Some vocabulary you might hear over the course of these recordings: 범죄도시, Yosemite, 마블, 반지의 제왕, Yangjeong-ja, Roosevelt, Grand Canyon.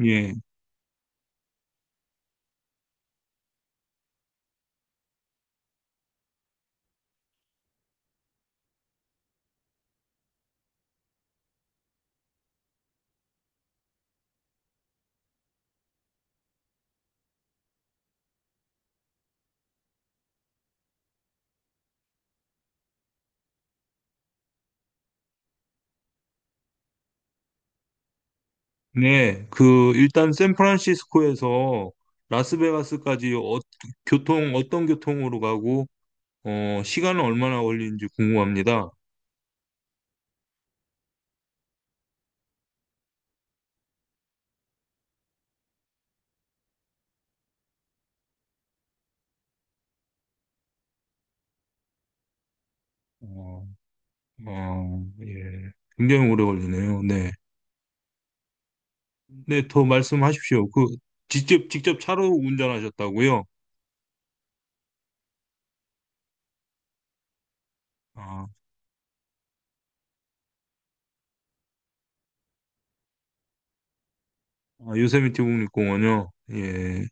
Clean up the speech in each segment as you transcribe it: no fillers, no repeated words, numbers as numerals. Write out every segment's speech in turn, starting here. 예. 네. 그 일단 샌프란시스코에서 라스베가스까지 교통 어떤 교통으로 가고 시간은 얼마나 걸리는지 궁금합니다. 어, 예. 굉장히 오래 걸리네요. 네. 네, 더 말씀하십시오. 그 직접 차로 운전하셨다고요? 아, 아, 요세미티 국립공원요. 예.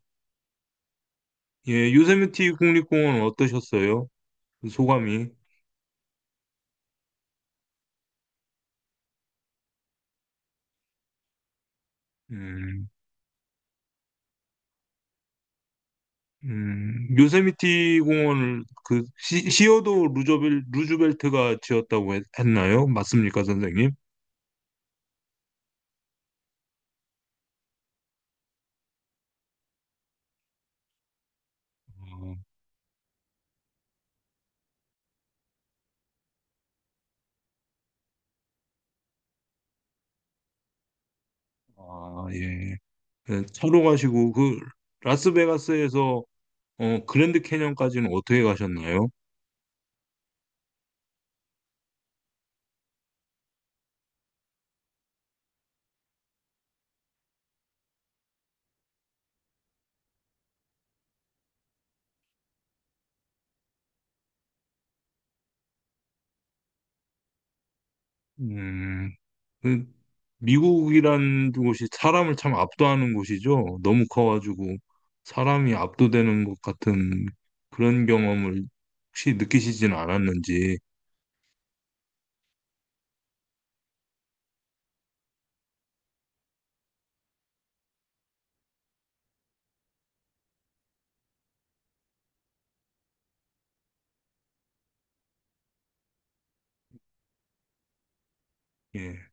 예, 요세미티 국립공원 어떠셨어요? 그 소감이? 음. 요세미티 공원을 그 시어도 루즈벨트가 지었다고 했, 나요 맞습니까, 선생님? 어, 아, 예. 네, 차로 가시고 그 라스베가스에서 그랜드 캐년까지는 어떻게 가셨나요? 음, 그 미국이란 곳이 사람을 참 압도하는 곳이죠. 너무 커가지고 사람이 압도되는 것 같은 그런 경험을 혹시 느끼시진 않았는지. 예,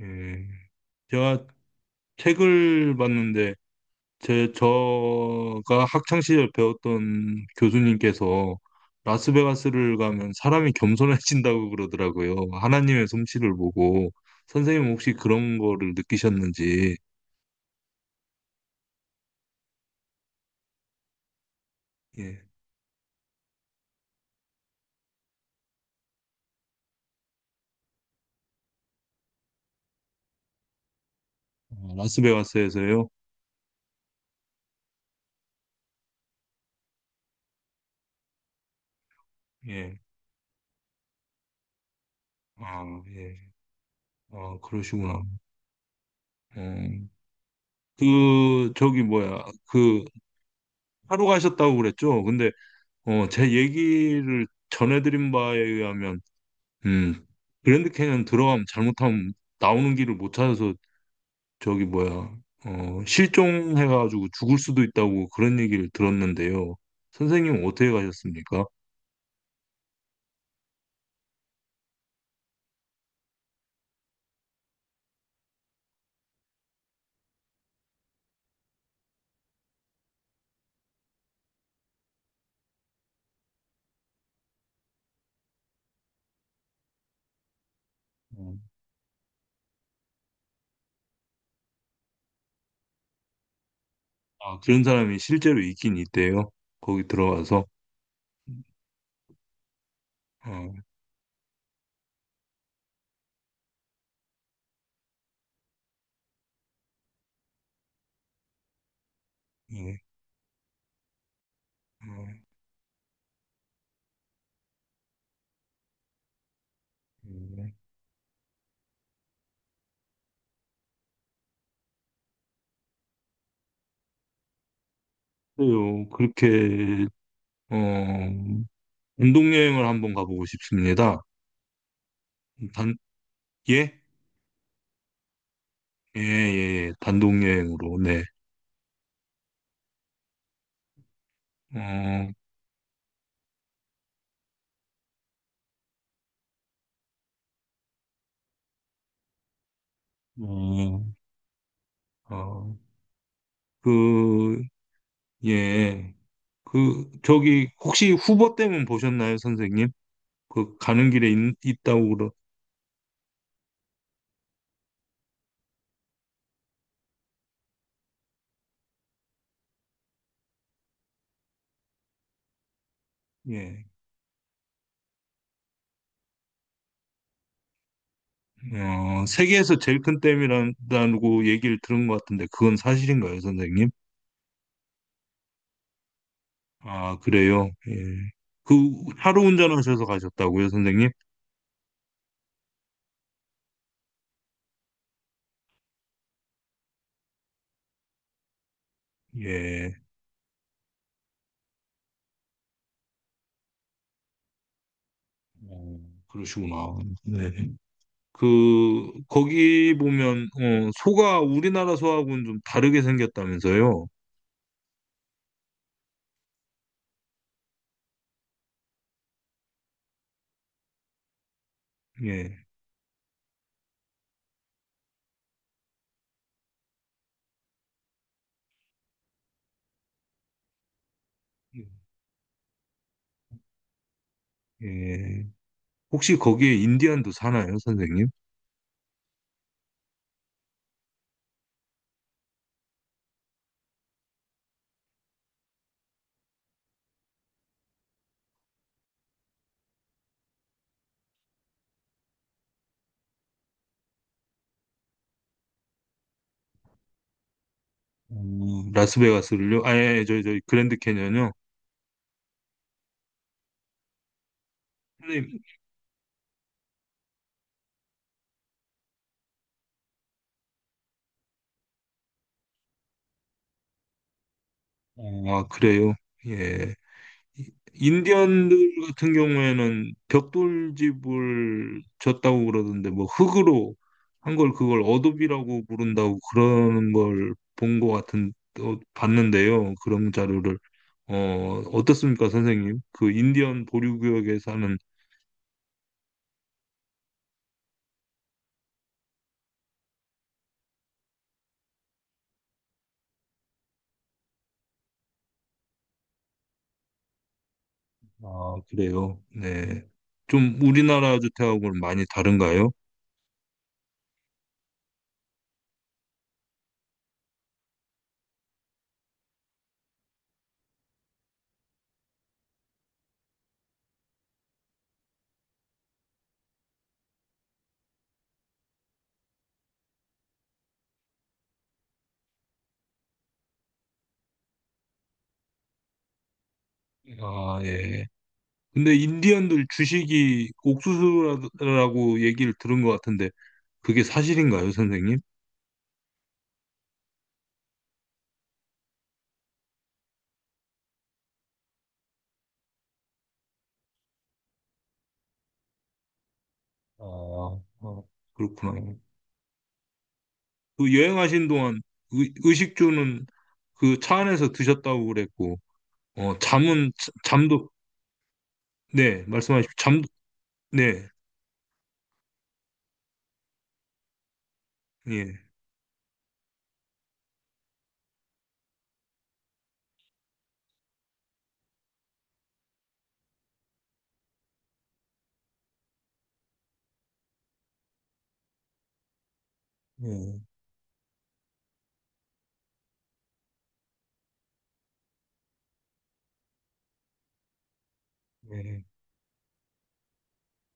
예. 제가 책을 봤는데 제 저가 학창 시절 배웠던 교수님께서 라스베가스를 가면 사람이 겸손해진다고 그러더라고요. 하나님의 솜씨를 보고 선생님 혹시 그런 거를 느끼셨는지 예. 아, 라스베가스에서요? 예. 아, 예. 아, 그러시구나. 어, 그 저기 뭐야? 그 하루 가셨다고 그랬죠? 근데 제 얘기를 전해드린 바에 의하면 음, 그랜드 캐년 들어가면 잘못하면 나오는 길을 못 찾아서 저기 뭐야, 실종해가지고 죽을 수도 있다고 그런 얘기를 들었는데요. 선생님은 어떻게 가셨습니까? 음. 아, 그런 사람이 실제로 있긴 있대요. 거기 들어가서. 어, 예, 어, 예. 그래요. 그렇게, 어, 단독여행을 한번 가보고 싶습니다. 단, 예? 예, 예, 예. 단독여행으로, 네. 어, 음, 어. 그, 예. 저기, 혹시 후보 때문 보셨나요, 선생님? 가는 길에 있, 다고 그러, 예. 세계에서 제일 큰 댐이라고 얘기를 들은 것 같은데, 그건 사실인가요, 선생님? 아, 그래요? 예. 그, 하루 운전하셔서 가셨다고요, 선생님? 예. 어, 그러시구나. 네. 거기 보면, 소가 우리나라 소하고는 좀 다르게 생겼다면서요? 예. 예. 혹시 거기에 인디안도 사나요, 선생님? 어, 라스베가스를요? 아, 예, 예, 저, 저, 그랜드 캐년이요? 선생님, 아, 그래요? 예. 인디언들 같은 경우에는 벽돌집을 졌다고 그러던데, 뭐, 흙으로 한 걸 그걸 어도비라고 부른다고 그러는 걸 본 것 같은, 봤는데요. 그런 자료를. 어떻습니까, 선생님? 그 인디언 보류 구역에 사는 아, 그래요. 네. 좀 우리나라 주택하고는 많이 다른가요? 아, 예. 근데 인디언들 주식이 옥수수라고 얘기를 들은 것 같은데 그게 사실인가요, 선생님? 아, 그렇구나. 그 여행하신 동안 의식주는 그 차 안에서 드셨다고 그랬고, 잠은, 잠도, 네, 말씀하십시오. 잠, 도 네, 예, 예, 예.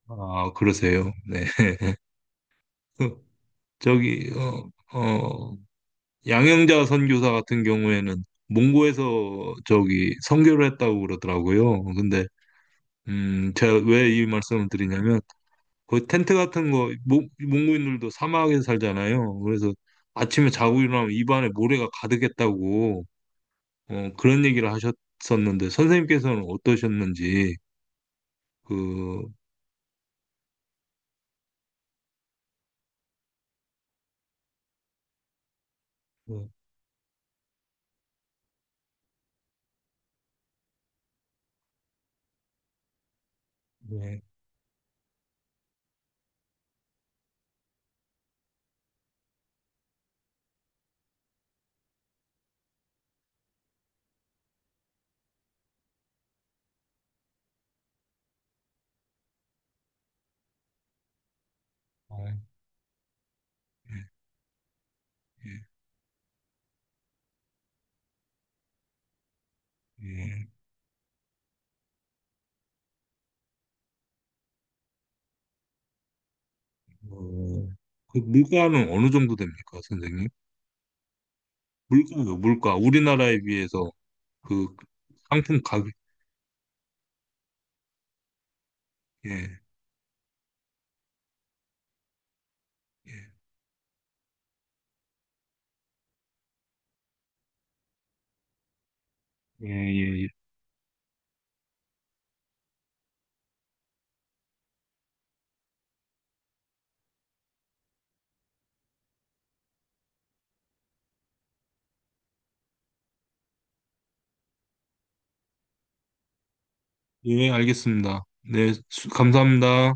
아, 그러세요. 네. 저기, 어, 양영자 선교사 같은 경우에는 몽고에서 저기 선교를 했다고 그러더라고요. 근데 제가 왜 이 말씀을 드리냐면 거기 텐트 같은 거 몽고인들도 사막에 살잖아요. 그래서 아침에 자고 일어나면 입안에 모래가 가득했다고 그런 얘기를 하셨었는데 선생님께서는 어떠셨는지 그 어, 네. 아, 예, 예, 예. 어, 그 물가는 어느 정도 됩니까, 선생님? 물가요, 물가. 우리나라에 비해서 그 상품 가격. 예, 예, 예, 예. 예, 알겠습니다. 네, 감사합니다.